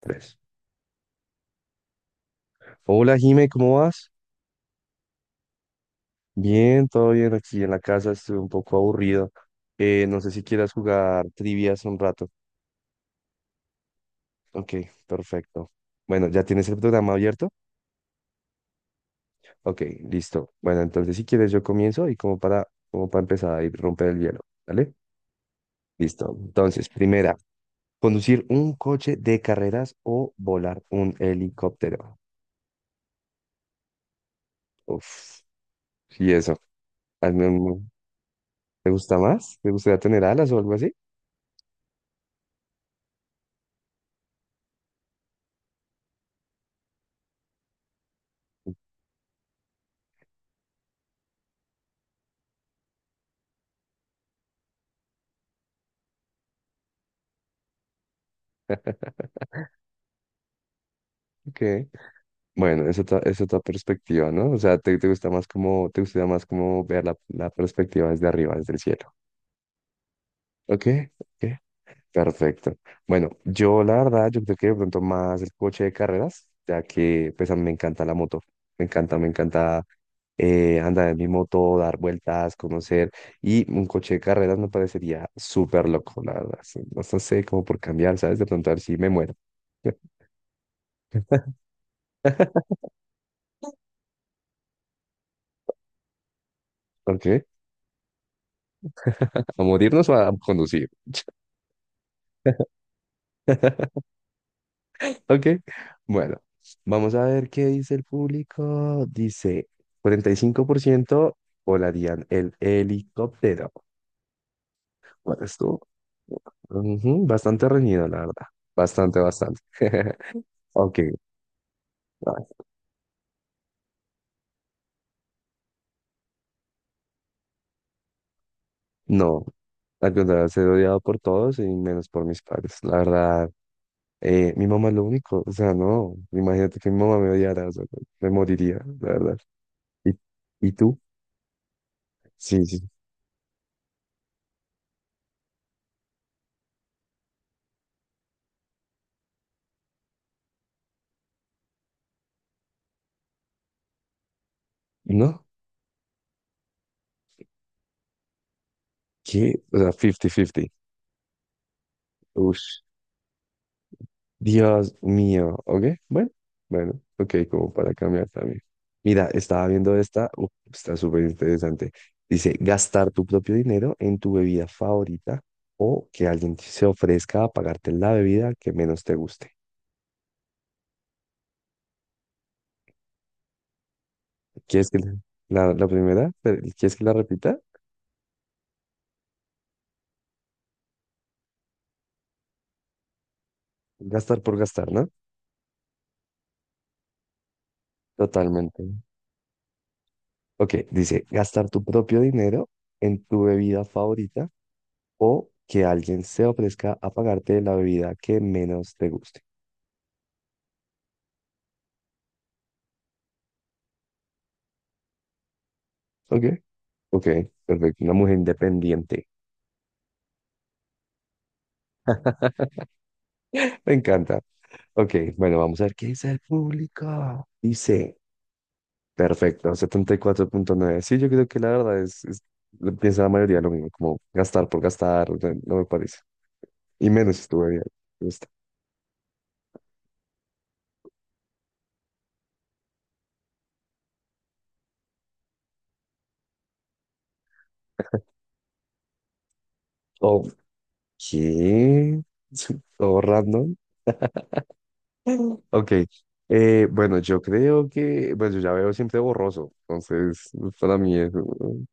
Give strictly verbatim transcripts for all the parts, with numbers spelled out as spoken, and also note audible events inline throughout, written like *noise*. Tres. Hola Jime, ¿cómo vas? Bien, todo bien aquí en la casa, estuve un poco aburrido. Eh, no sé si quieras jugar trivias un rato. Ok, perfecto. Bueno, ¿ya tienes el programa abierto? Ok, listo. Bueno, entonces si quieres yo comienzo y como para, como para empezar a romper el hielo, ¿vale? Listo. Entonces, primera, conducir un coche de carreras o volar un helicóptero. Uf, y eso. Hazme un- ¿Te gusta más? ¿Te gustaría tener alas o algo así? Ok. Bueno, es otra, es otra perspectiva, ¿no? O sea, te, te gusta más como, te gusta más como ver la, la perspectiva desde arriba, desde el cielo. ¿Ok? ¿Ok? Perfecto. Bueno, yo la verdad, yo creo que de pronto más el coche de carreras, ya que pues a mí me encanta la moto. Me encanta, me encanta eh, andar en mi moto, dar vueltas, conocer. Y un coche de carreras me parecería súper loco, la verdad. Sí. No no sé como por cambiar, ¿sabes? De pronto a ver si me muero. *laughs* ¿Ok? ¿A morirnos o a conducir? Ok, bueno, vamos a ver qué dice el público. Dice, cuarenta y cinco por ciento volarían el helicóptero. ¿Cuál es tú? Ujú, bastante reñido, la verdad. Bastante, bastante. *laughs* Ok, ay, no. Al contrario, ser odiado por todos y menos por mis padres. La verdad, eh, mi mamá es lo único. O sea, no. Imagínate que mi mamá me odiara. O sea, me moriría, la verdad. ¿Y, y tú? Sí, sí. ¿No? ¿Qué? O sea, cincuenta cincuenta. Ush. Dios mío, ¿ok? Bueno, bueno, ok, como para cambiar también. Mira, estaba viendo esta, uf, está súper interesante. Dice, gastar tu propio dinero en tu bebida favorita o que alguien se ofrezca a pagarte la bebida que menos te guste. ¿Quieres que le- la, la primera? Pero, ¿quieres que la repita? Gastar por gastar, ¿no? Totalmente. Ok, dice, gastar tu propio dinero en tu bebida favorita o que alguien se ofrezca a pagarte la bebida que menos te guste. Ok. Ok, perfecto. Una mujer independiente. Me encanta. Ok, bueno, vamos a ver qué dice el público. Dice, perfecto, setenta y cuatro punto nueve. Sí, yo creo que la verdad es, es- lo piensa la mayoría lo mismo, como gastar por gastar, no, no me parece. Y menos si estuve bien. Me gusta. Ok, *laughs* todo random. *laughs* Ok. Eh, bueno, yo creo que, pues yo ya veo siempre borroso, entonces para mí es *laughs* uh,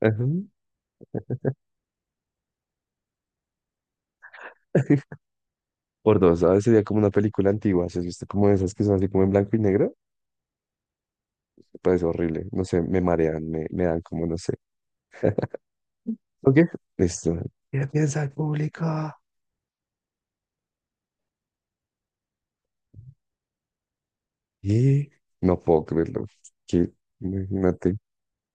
ajá. Por dos, ¿sabes? Sería como una película antigua, ¿sí? ¿Has visto como esas que son así como en blanco y negro? Me parece horrible, no sé, me marean, me, me dan como, no sé. Ok, listo. ¿Qué piensa el público? Y no puedo creerlo, que imagínate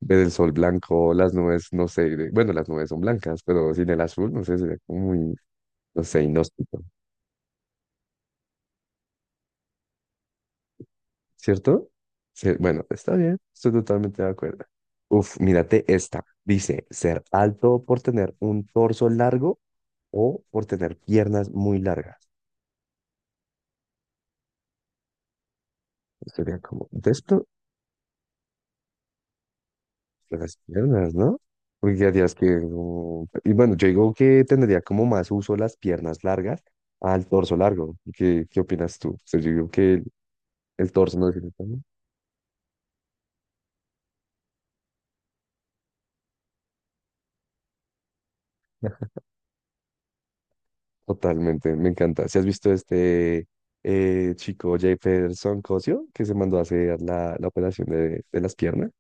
ver el sol blanco, las nubes, no sé, de- bueno, las nubes son blancas, pero sin el azul, no sé, sería como muy, no sé, inhóspito. ¿Cierto? Sí, bueno, está bien, estoy totalmente de acuerdo. Uf, mírate esta. Dice, ser alto por tener un torso largo o por tener piernas muy largas. Sería como, de esto, las piernas, ¿no? Porque ya que, como- y bueno, yo digo que tendría como más uso las piernas largas al torso largo. ¿Qué, qué opinas tú? O sea, yo digo que el, el torso no es... Totalmente, me encanta. ¿Si has visto este eh, chico Jefferson Cosio que se mandó a hacer la, la operación de, de las piernas?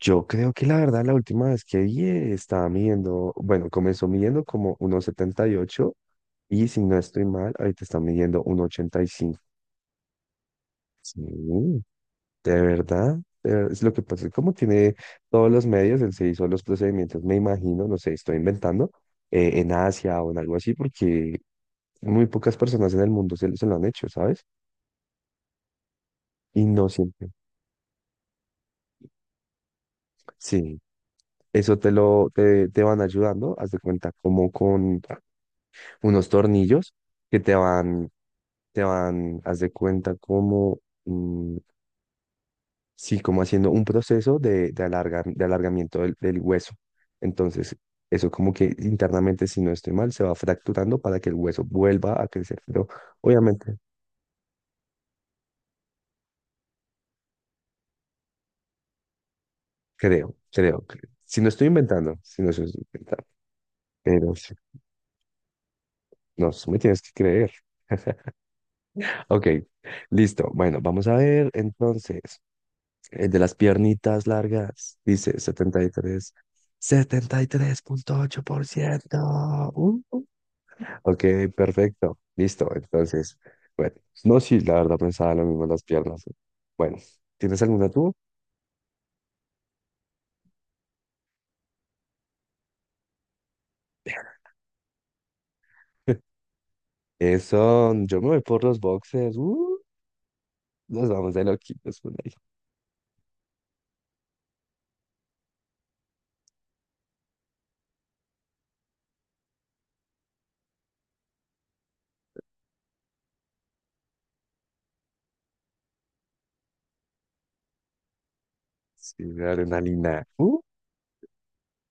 Yo creo que la verdad la última vez que vi eh, estaba midiendo, bueno, comenzó midiendo como uno setenta y ocho y si no estoy mal, ahorita está midiendo uno ochenta y cinco. Sí, de verdad. De ver- es lo que pasa, es como tiene todos los medios, él se hizo los procedimientos, me imagino, no sé, estoy inventando, eh, en Asia o en algo así, porque muy pocas personas en el mundo se, se lo han hecho, ¿sabes? Y no siempre. Sí, eso te lo te, te van ayudando, haz de cuenta, como con unos tornillos que te van, te van, haz de cuenta, como, mm, sí, como haciendo un proceso de, de, alarga- de alargamiento del, del hueso. Entonces, eso como que internamente, si no estoy mal, se va fracturando para que el hueso vuelva a crecer. Pero obviamente, creo, creo, creo. Si no estoy inventando, si no estoy inventando. Pero sí. No, tú me tienes que creer. Ok, listo. Bueno, vamos a ver entonces. El de las piernitas largas dice setenta setenta y y tres setenta y tres punto setenta y tres. setenta y tres punto ocho por ciento. Uh. Ok, perfecto. Listo. Entonces, bueno, no, sí, la verdad pensaba lo mismo en las piernas. Bueno, ¿tienes alguna tú? *laughs* Eso, yo me voy por los boxers. Uh, nos vamos de loquitos por ahí. Sí, de adrenalina. Uh.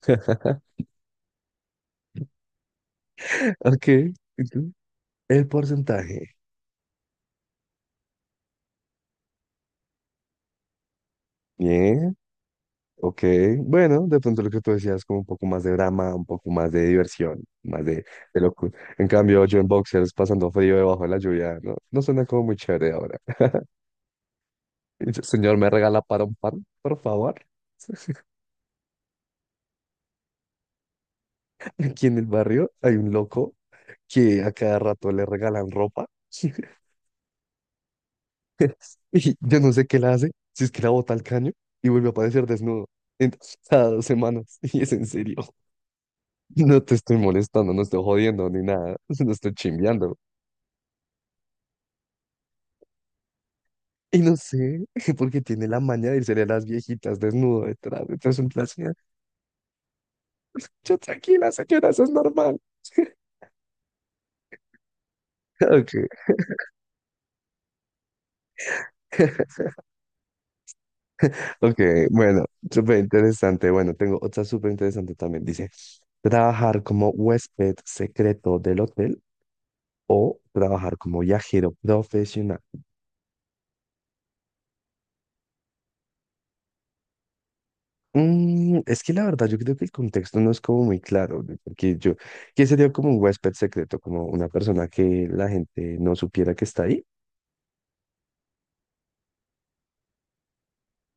*laughs* Ok, ¿y tú? El porcentaje. Bien, ok. Bueno, de pronto lo que tú decías es como un poco más de drama, un poco más de diversión, más de, de locura. En cambio, yo en boxers pasando frío debajo de la lluvia, no, no suena como muy chévere ahora. *laughs* Y yo, señor, ¿me regala para un pan, por favor? *laughs* Aquí en el barrio hay un loco que a cada rato le regalan ropa *laughs* y yo no sé qué la hace, si es que la bota al caño y vuelve a aparecer desnudo. Entonces, *laughs* cada dos semanas, *laughs* y es en serio. No te estoy molestando, no estoy jodiendo ni nada, *laughs* no estoy chimbeando. *laughs* Y no sé, *laughs* porque tiene la maña de irse a las viejitas desnudo detrás. Entonces, en plan, señora, yo tranquila, señora, eso es normal. *laughs* Ok, *laughs* ok, bueno, súper interesante. Bueno, tengo otra súper interesante también. Dice, trabajar como huésped secreto del hotel o trabajar como viajero profesional. Mm, es que la verdad, yo creo que el contexto no es como muy claro, ¿no? Porque yo, ¿qué sería como un huésped secreto? Como una persona que la gente no supiera que está ahí.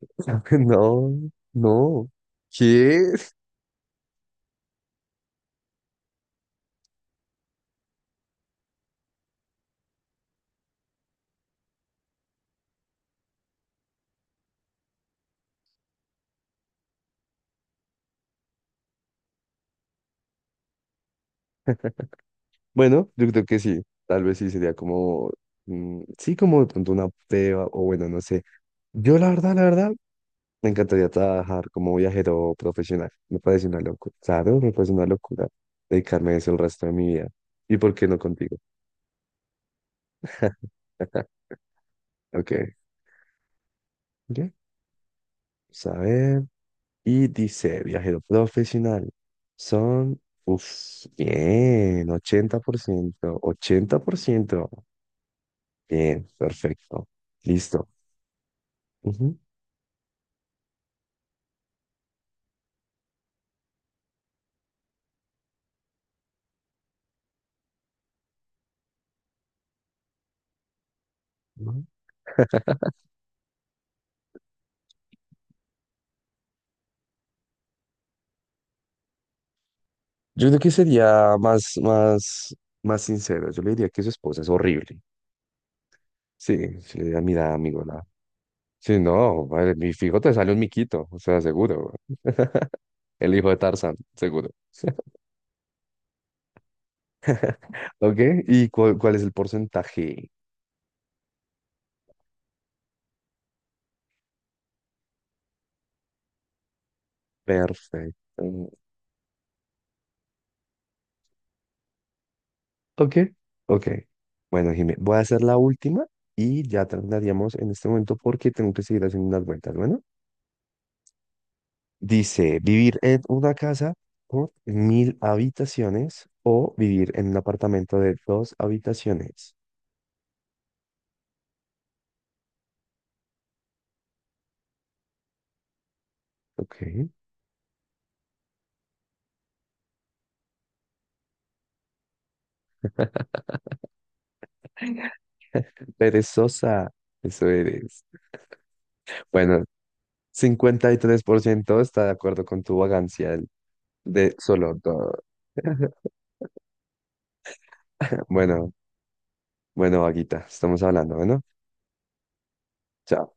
*laughs* No, no. ¿Qué? Bueno, yo creo que sí. Tal vez sí sería como, mm, sí, como de pronto una prueba o bueno, no sé. Yo la verdad, la verdad, me encantaría trabajar como viajero profesional. Me parece una locura. Claro, me parece una locura dedicarme a eso el resto de mi vida. ¿Y por qué no contigo? *laughs* Ok. Ok. Vamos a ver. Y dice, viajero profesional. Son, uff, bien, ochenta por ciento ochenta por ciento. Bien, perfecto. Listo. Ujú, ujú. Yo creo que sería más, más, más sincero. Yo le diría que su esposa es horrible. Sí, sí, le diría, mira, amigo, la... Sí, no, madre, mi fijo te sale un miquito, o sea, seguro. El hijo de Tarzán, seguro. ¿Ok? ¿Y cuál, cuál es el porcentaje? Perfecto. ¿Ok? Ok. Bueno, Jimé, voy a hacer la última y ya terminaríamos en este momento porque tengo que seguir haciendo unas vueltas. Bueno. Dice, vivir en una casa con mil habitaciones o vivir en un apartamento de dos habitaciones. Ok, perezosa, eso eres. Bueno, cincuenta y tres por ciento está de acuerdo con tu vagancia de solo dos. *laughs* Bueno, bueno, vaguita, estamos hablando, ¿no? Chao.